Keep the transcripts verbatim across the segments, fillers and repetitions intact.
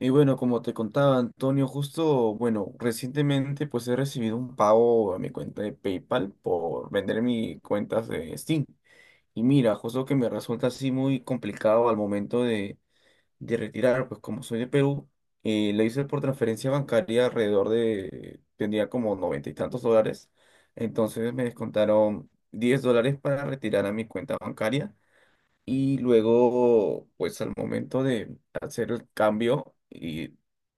Y bueno, como te contaba Antonio, justo, bueno, recientemente pues he recibido un pago a mi cuenta de PayPal por vender mis cuentas de Steam. Y mira, justo que me resulta así muy complicado al momento de, de retirar, pues como soy de Perú, eh, lo hice por transferencia bancaria alrededor de, tenía como noventa y tantos dólares. Entonces me descontaron diez dólares para retirar a mi cuenta bancaria y luego, pues al momento de hacer el cambio y,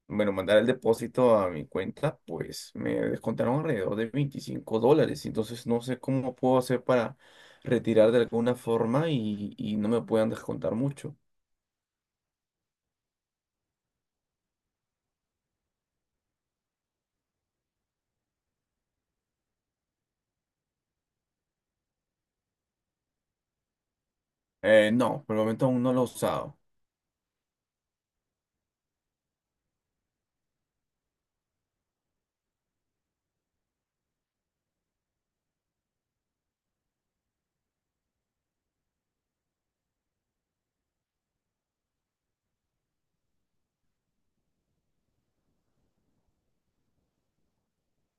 bueno, mandar el depósito a mi cuenta, pues me descontaron alrededor de veinticinco dólares. Entonces no sé cómo puedo hacer para retirar de alguna forma y, y no me puedan descontar mucho. Eh, no, por el momento aún no lo he usado.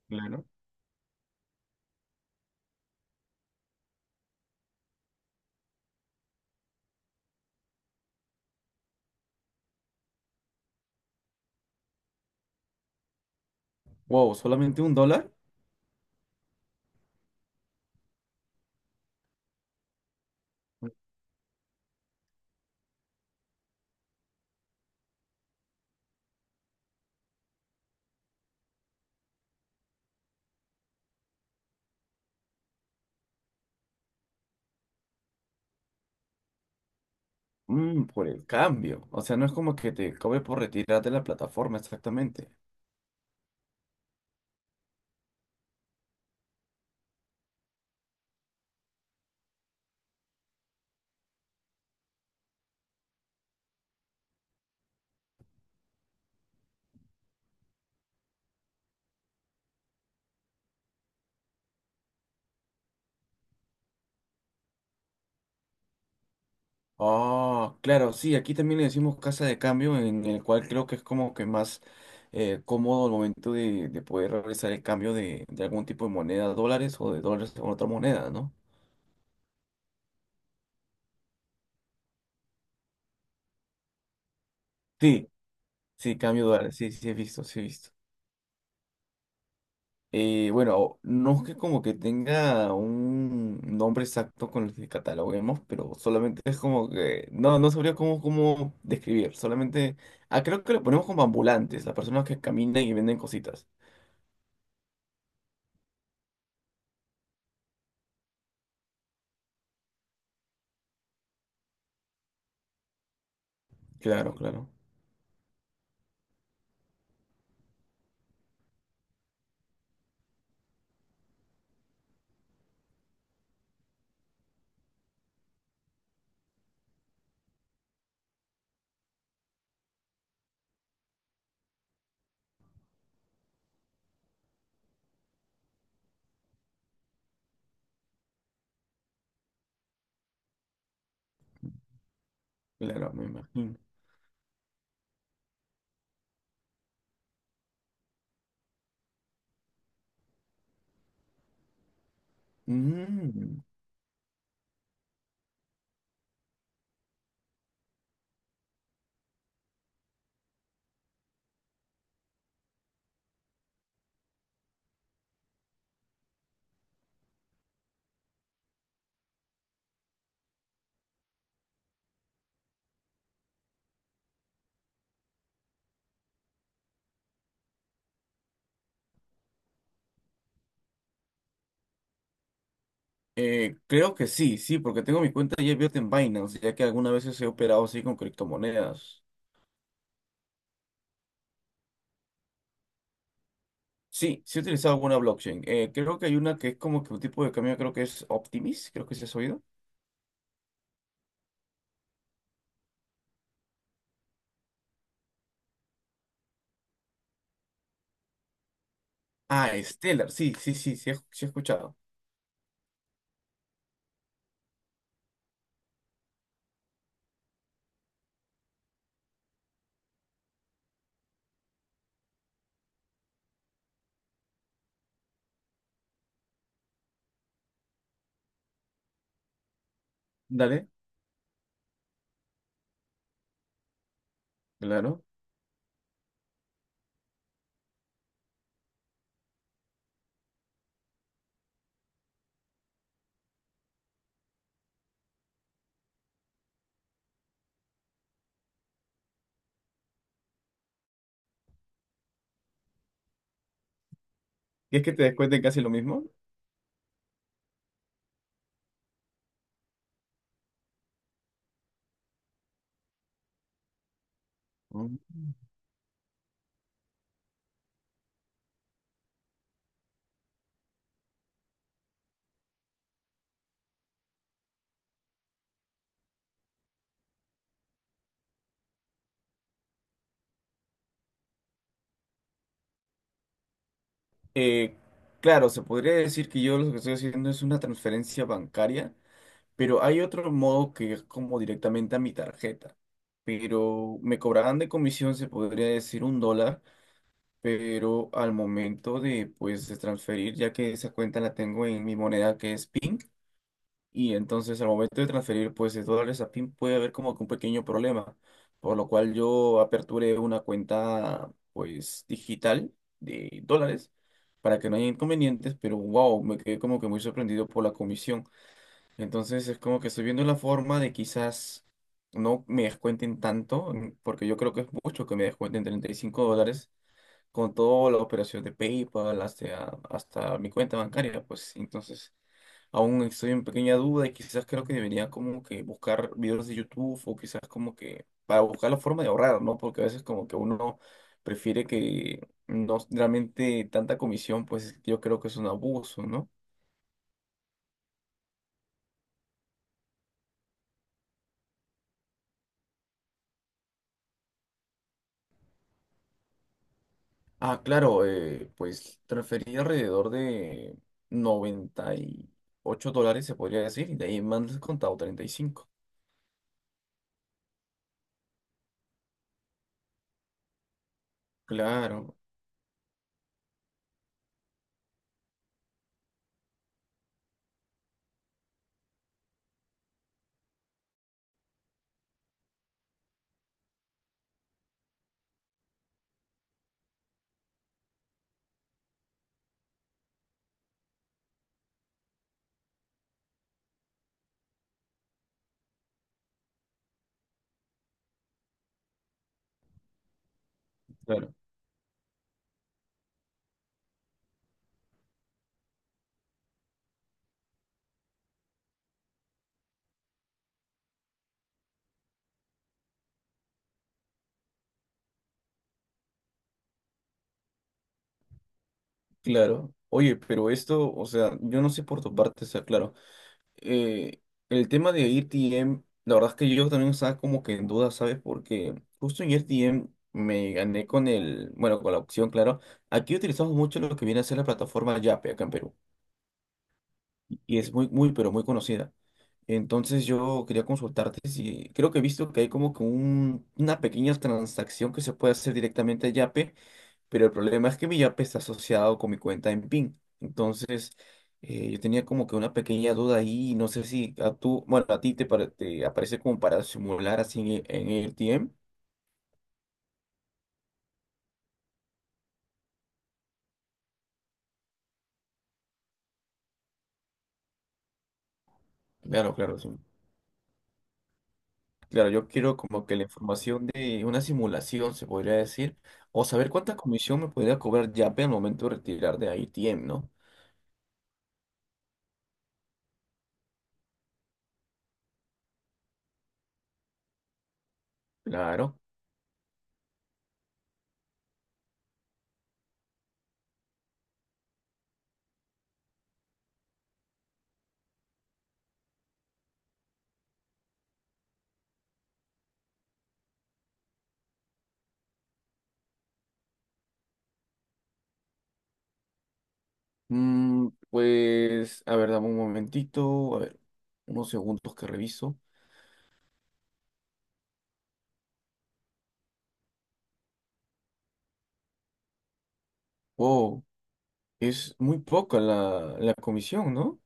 Claro. Wow, ¿solamente un dólar? Mm, por el cambio. O sea, no es como que te cobre por retirar de la plataforma exactamente. Ah, claro, sí, aquí también le decimos casa de cambio, en el cual creo que es como que más eh, cómodo el momento de, de poder realizar el cambio de, de algún tipo de moneda, dólares o de dólares con otra moneda, ¿no? Sí, sí, cambio de dólares, sí, sí he visto, sí he visto. Eh, bueno, no es que como que tenga un nombre exacto con el que cataloguemos, pero solamente es como que no, no sabría cómo, cómo describir, solamente, ah, creo que lo ponemos como ambulantes, las personas que caminan y venden cositas. Claro, claro. Claro, me imagino. Mm. Eh, creo que sí, sí, porque tengo mi cuenta ya abierta en Binance, ya que algunas veces he operado así con criptomonedas. Sí, sí he utilizado alguna blockchain. Eh, creo que hay una que es como que un tipo de cambio, creo que es Optimis, creo que se has oído. Ah, Stellar, sí, sí, sí, sí he, sí he escuchado. Dale, claro. ¿Y es que te descuenten casi lo mismo? Mm. Eh, claro, se podría decir que yo lo que estoy haciendo es una transferencia bancaria. Pero hay otro modo que es como directamente a mi tarjeta. Pero me cobraban de comisión, se podría decir, un dólar, pero al momento de pues de transferir, ya que esa cuenta la tengo en mi moneda que es PIN, y entonces al momento de transferir pues de dólares a PIN puede haber como que un pequeño problema, por lo cual yo aperturé una cuenta pues digital de dólares para que no haya inconvenientes, pero wow, me quedé como que muy sorprendido por la comisión. Entonces es como que estoy viendo la forma de quizás no me descuenten tanto, mm, porque yo creo que es mucho que me descuenten treinta y cinco dólares con toda la operación de PayPal hasta, hasta mi cuenta bancaria. Pues entonces aún estoy en pequeña duda y quizás creo que debería como que buscar videos de YouTube o quizás como que para buscar la forma de ahorrar, ¿no? Porque a veces como que uno prefiere que no realmente tanta comisión, pues yo creo que es un abuso, ¿no? Ah, claro, eh, pues transferí alrededor de noventa y ocho dólares, se podría decir, y de ahí me han descontado treinta y cinco. Claro, claro, claro. Oye, pero esto, o sea, yo no sé por tu parte, o sea, claro. eh, el tema de AirTM, la verdad es que yo también estaba como que en duda, ¿sabes? Porque justo en AirTM me gané con el, bueno, con la opción, claro. Aquí utilizamos mucho lo que viene a ser la plataforma Yape acá en Perú. Y es muy, muy, pero muy conocida. Entonces yo quería consultarte si creo que he visto que hay como que un- una pequeña transacción que se puede hacer directamente a Yape, pero el problema es que mi Yape está asociado con mi cuenta en PIN. Entonces eh, yo tenía como que una pequeña duda ahí, y no sé si a tú, bueno, a ti te, pare- te aparece como para simular así en, en A R T M. Claro, claro, sí. Claro, yo quiero como que la información de una simulación, se podría decir, o saber cuánta comisión me podría cobrar Yape al momento de retirar de I T M, ¿no? Claro. Mm, pues, a ver, dame un momentito, a ver, unos segundos que reviso. Wow, es muy poca la, la comisión, ¿no?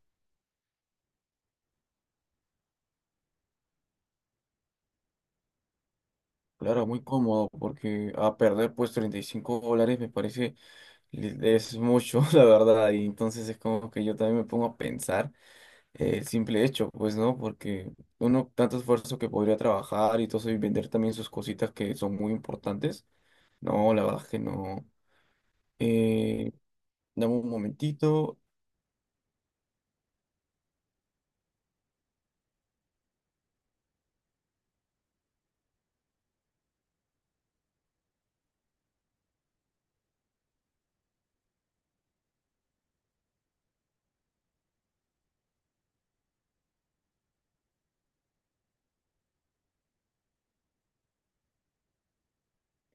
Claro, muy cómodo, porque a perder pues treinta y cinco dólares me parece, li- es mucho, la verdad, y entonces es como que yo también me pongo a pensar. El simple hecho, pues, ¿no? Porque uno, tanto esfuerzo que podría trabajar y todo eso y vender también sus cositas que son muy importantes. No, la verdad es que no. Eh, Dame un momentito.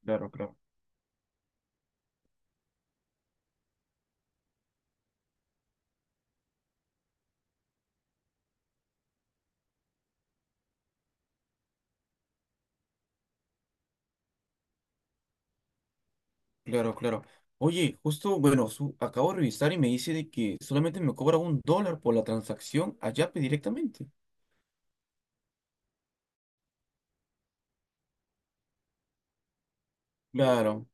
Claro, claro. Claro, claro. Oye, justo, bueno, su- acabo de revisar y me dice de que solamente me cobra un dólar por la transacción a Yape directamente. Claro.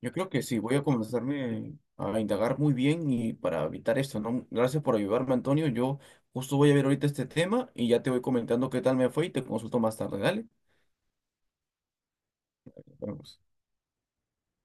Yo creo que sí, voy a comenzarme a indagar muy bien y para evitar esto, ¿no? Gracias por ayudarme, Antonio. Yo justo voy a ver ahorita este tema y ya te voy comentando qué tal me fue y te consulto más tarde, ¿dale? Nos vemos.